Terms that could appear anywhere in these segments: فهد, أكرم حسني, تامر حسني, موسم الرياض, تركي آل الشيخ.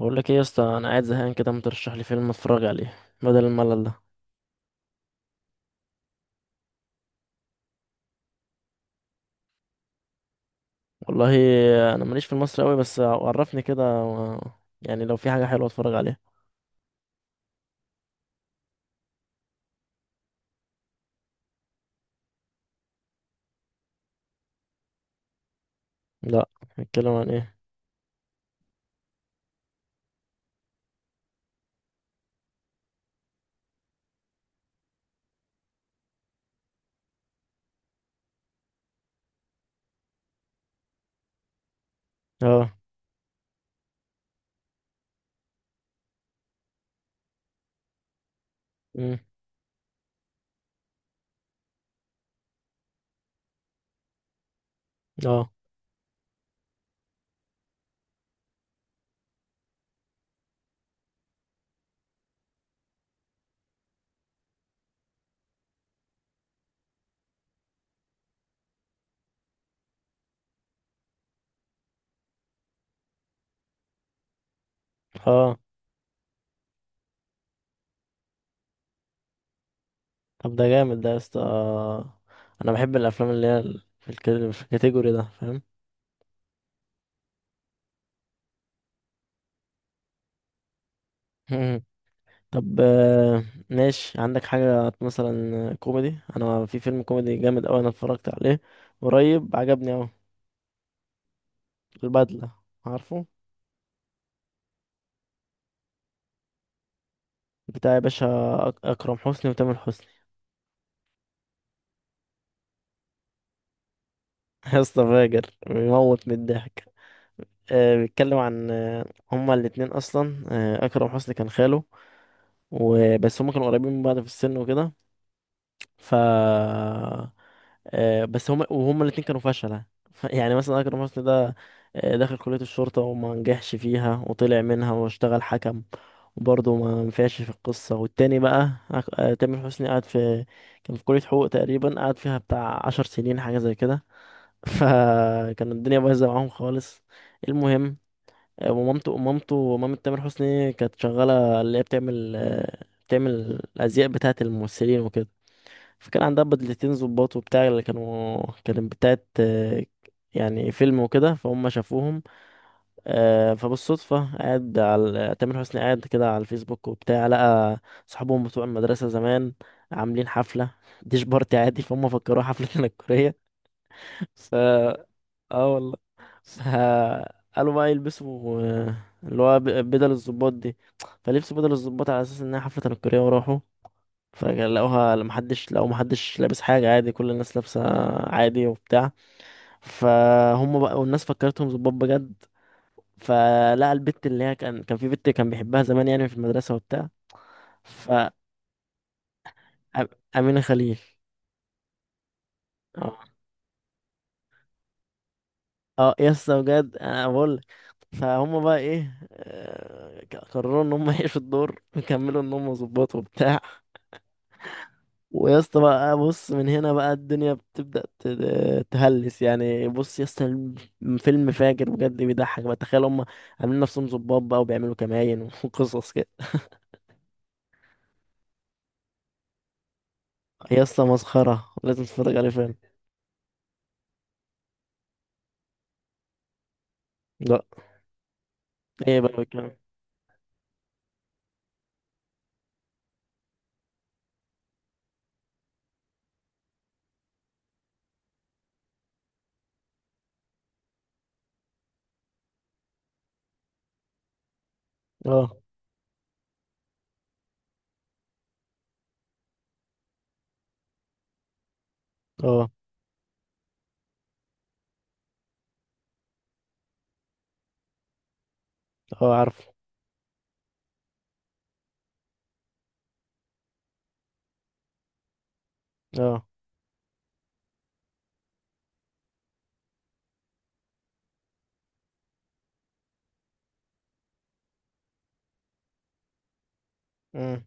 بقول لك ايه يا اسطى، انا قاعد زهقان كده، ما ترشح لي فيلم اتفرج عليه بدل الملل ده؟ والله انا ماليش في المصري قوي، بس عرفني كده و يعني لو في حاجه حلوه اتفرج عليها. لا، بيتكلم عن ايه؟ اه. امم. اه. اه. طب ده جامد ده يا اسطى. انا بحب الافلام اللي هي في في الكاتيجوري ده، فاهم؟ مم. طب، ماشي. عندك حاجه مثلا كوميدي؟ انا في فيلم كوميدي جامد قوي انا اتفرجت عليه قريب، عجبني قوي. البدله، عارفه؟ بتاع يا باشا، أكرم حسني وتامر حسني. يا اسطى فاجر، بيموت من الضحك. بيتكلم عن، هما الاتنين أصلا، أكرم حسني كان خاله، وبس هما كانوا قريبين من بعض في السن وكده. ف بس هما الاتنين كانوا فشلة. يعني مثلا أكرم حسني ده، دخل كلية الشرطة وما نجحش فيها وطلع منها واشتغل حكم، وبرضه ما نفعش في القصة. والتاني بقى تامر حسني قعد في، كان في كلية حقوق تقريبا قعد فيها بتاع 10 سنين، حاجة زي كده. فكان الدنيا بايظة معاهم خالص. المهم، ومامته مامته مامة تامر حسني كانت شغالة، اللي هي بتعمل، بتعمل الأزياء بتاعة الممثلين وكده. فكان عندها بدلتين ظباط وبتاع، اللي كانت بتاعت يعني فيلم وكده، فهم شافوهم. فبالصدفة قاعد على تامر حسني قاعد كده على الفيسبوك وبتاع، لقى صحابهم بتوع المدرسة زمان عاملين حفلة ديش بارتي عادي، فهم فكروها حفلة تنكرية. ف اه والله. ف قالوا بقى يلبسوا، اللي هو بدل الظباط دي. فلبسوا بدل الظباط على اساس انها حفلة تنكرية وراحوا، فلقوها محدش لابس حاجة، عادي. كل الناس لابسة عادي وبتاع، فهم بقى والناس فكرتهم ظباط بجد. فلقى البت اللي هي، كان في بنت كان بيحبها زمان يعني في المدرسة وبتاع، فأمينة خليل. اه. اه يسطا، بجد انا بقول لك، فهم بقى ايه، قرروا ان هم يعيشوا الدور ويكملوا ان هم ظباط وبتاع. ويا اسطى بقى بص، من هنا بقى الدنيا بتبدأ تهلس يعني. بص يا اسطى، فيلم فاجر بجد، بيضحك بقى. تخيل هم عاملين نفسهم ظباط بقى وبيعملوا كمائن وقصص كده. يا اسطى مسخرة، لازم تتفرج عليه فيلم. لا. ايه بقى الكلام؟ اه. اه. اه، عارفه. اه. مم.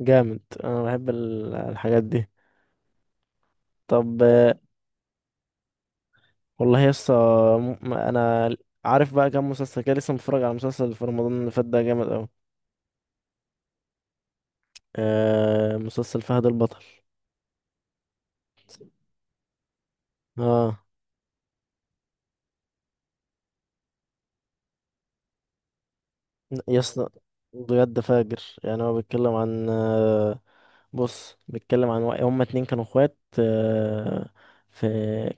جامد. انا بحب الحاجات دي. طب، والله يا اسطى، انا عارف بقى كام مسلسل كده، لسه متفرج على مسلسل في رمضان اللي فات ده، جامد قوي. مسلسل فهد البطل. اه. يا اسطى بجد فاجر يعني. هو بيتكلم عن، بص بيتكلم عن هما اتنين كانوا اخوات، في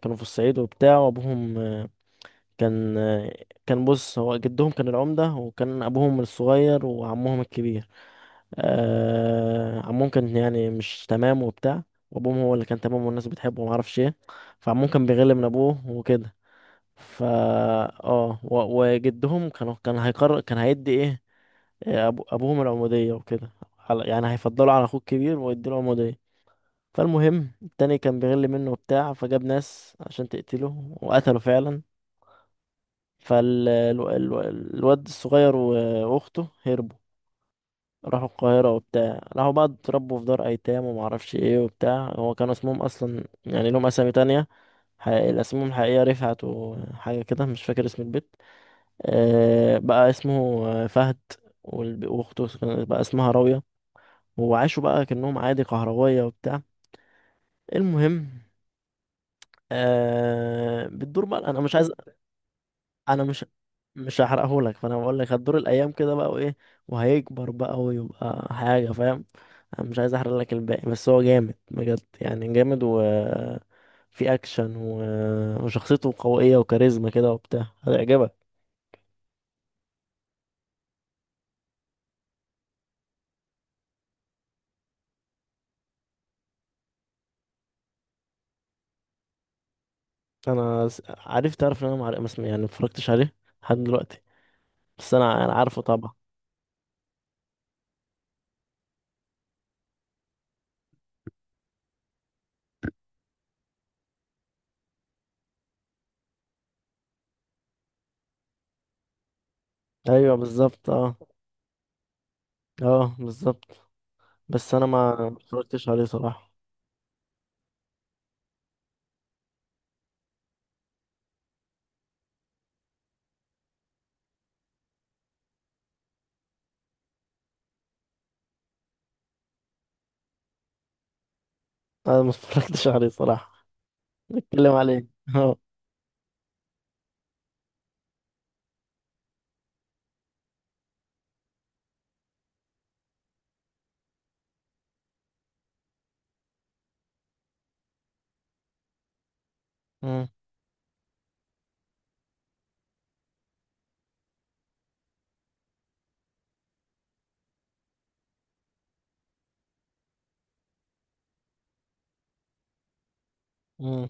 كانوا في الصعيد وبتاع، وابوهم، كان آه، كان بص هو جدهم كان العمدة، وكان ابوهم الصغير وعمهم الكبير. عمهم كان يعني مش تمام وبتاع، وابوهم هو اللي كان تمام والناس بتحبه ومعرفش ايه، فعمهم كان بيغل من ابوه وكده. فا اه، و- وجدهم، كان هيقرر، كان هيدي ايه، أبوهم العمودية وكده، يعني هيفضلوا على أخوه الكبير ويديله عمودية. فالمهم التاني كان بيغل منه وبتاع، فجاب ناس عشان تقتله وقتله فعلا. فالواد الصغير وأخته هربوا، راحوا القاهرة وبتاع، راحوا بقى اتربوا في دار أيتام ومعرفش ايه وبتاع، هو كان اسمهم أصلا يعني لهم أسامي تانية. حقيقي، اسمهم الحقيقية رفعت وحاجة كده، مش فاكر اسم البيت، بقى اسمه فهد، وأخته بقى اسمها راوية. وعاشوا بقى كأنهم عادي كهروية وبتاع. المهم، بتدور بقى. انا مش عايز، انا مش هحرقهولك، فانا بقول لك هتدور الايام كده بقى، وايه، وهيكبر بقى ويبقى حاجة، فاهم؟ انا مش عايز احرق لك الباقي، بس هو جامد بجد يعني، جامد، و في اكشن و وشخصيته قوية وكاريزما كده وبتاع، هتعجبك. انا عارف، تعرف ان انا معرق اسمي، يعني متفرجتش عليه لحد دلوقتي، بس انا عارفه طبعا. ايوه بالظبط. اه. اه بالظبط. بس انا ما اتفرجتش عليه صراحه. انا ما اتفرجتش عليه صراحه، نتكلم عليه. اه. مم. مم.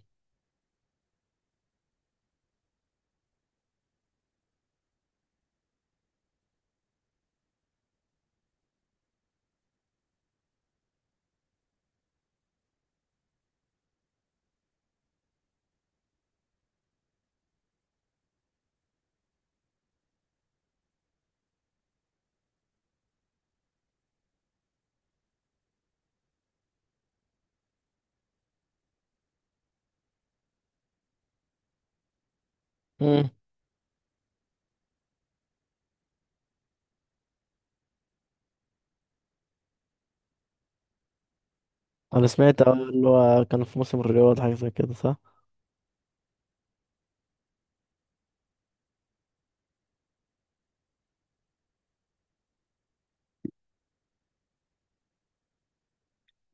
مم. انا سمعت، اه، اللي هو كان في موسم الرياض حاجه زي كده، صح؟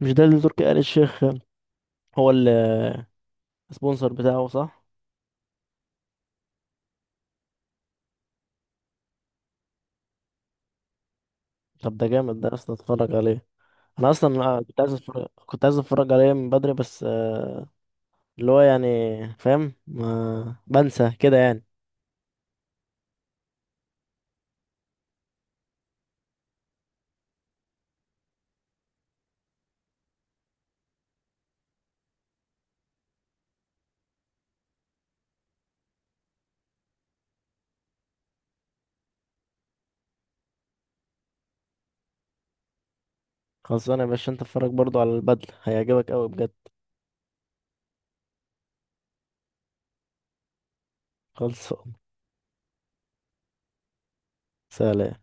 مش ده اللي تركي آل الشيخ هو السبونسر بتاعه، صح؟ طب ده جامد ده، اصلا اتفرج عليه. انا اصلا كنت عايز اتفرج عليه من بدري، بس اللي هو يعني، فاهم، ما بنسى كده يعني. خلصانه يا باشا، انت اتفرج برضو على البدله، هيعجبك قوي بجد. خلصان. سلام.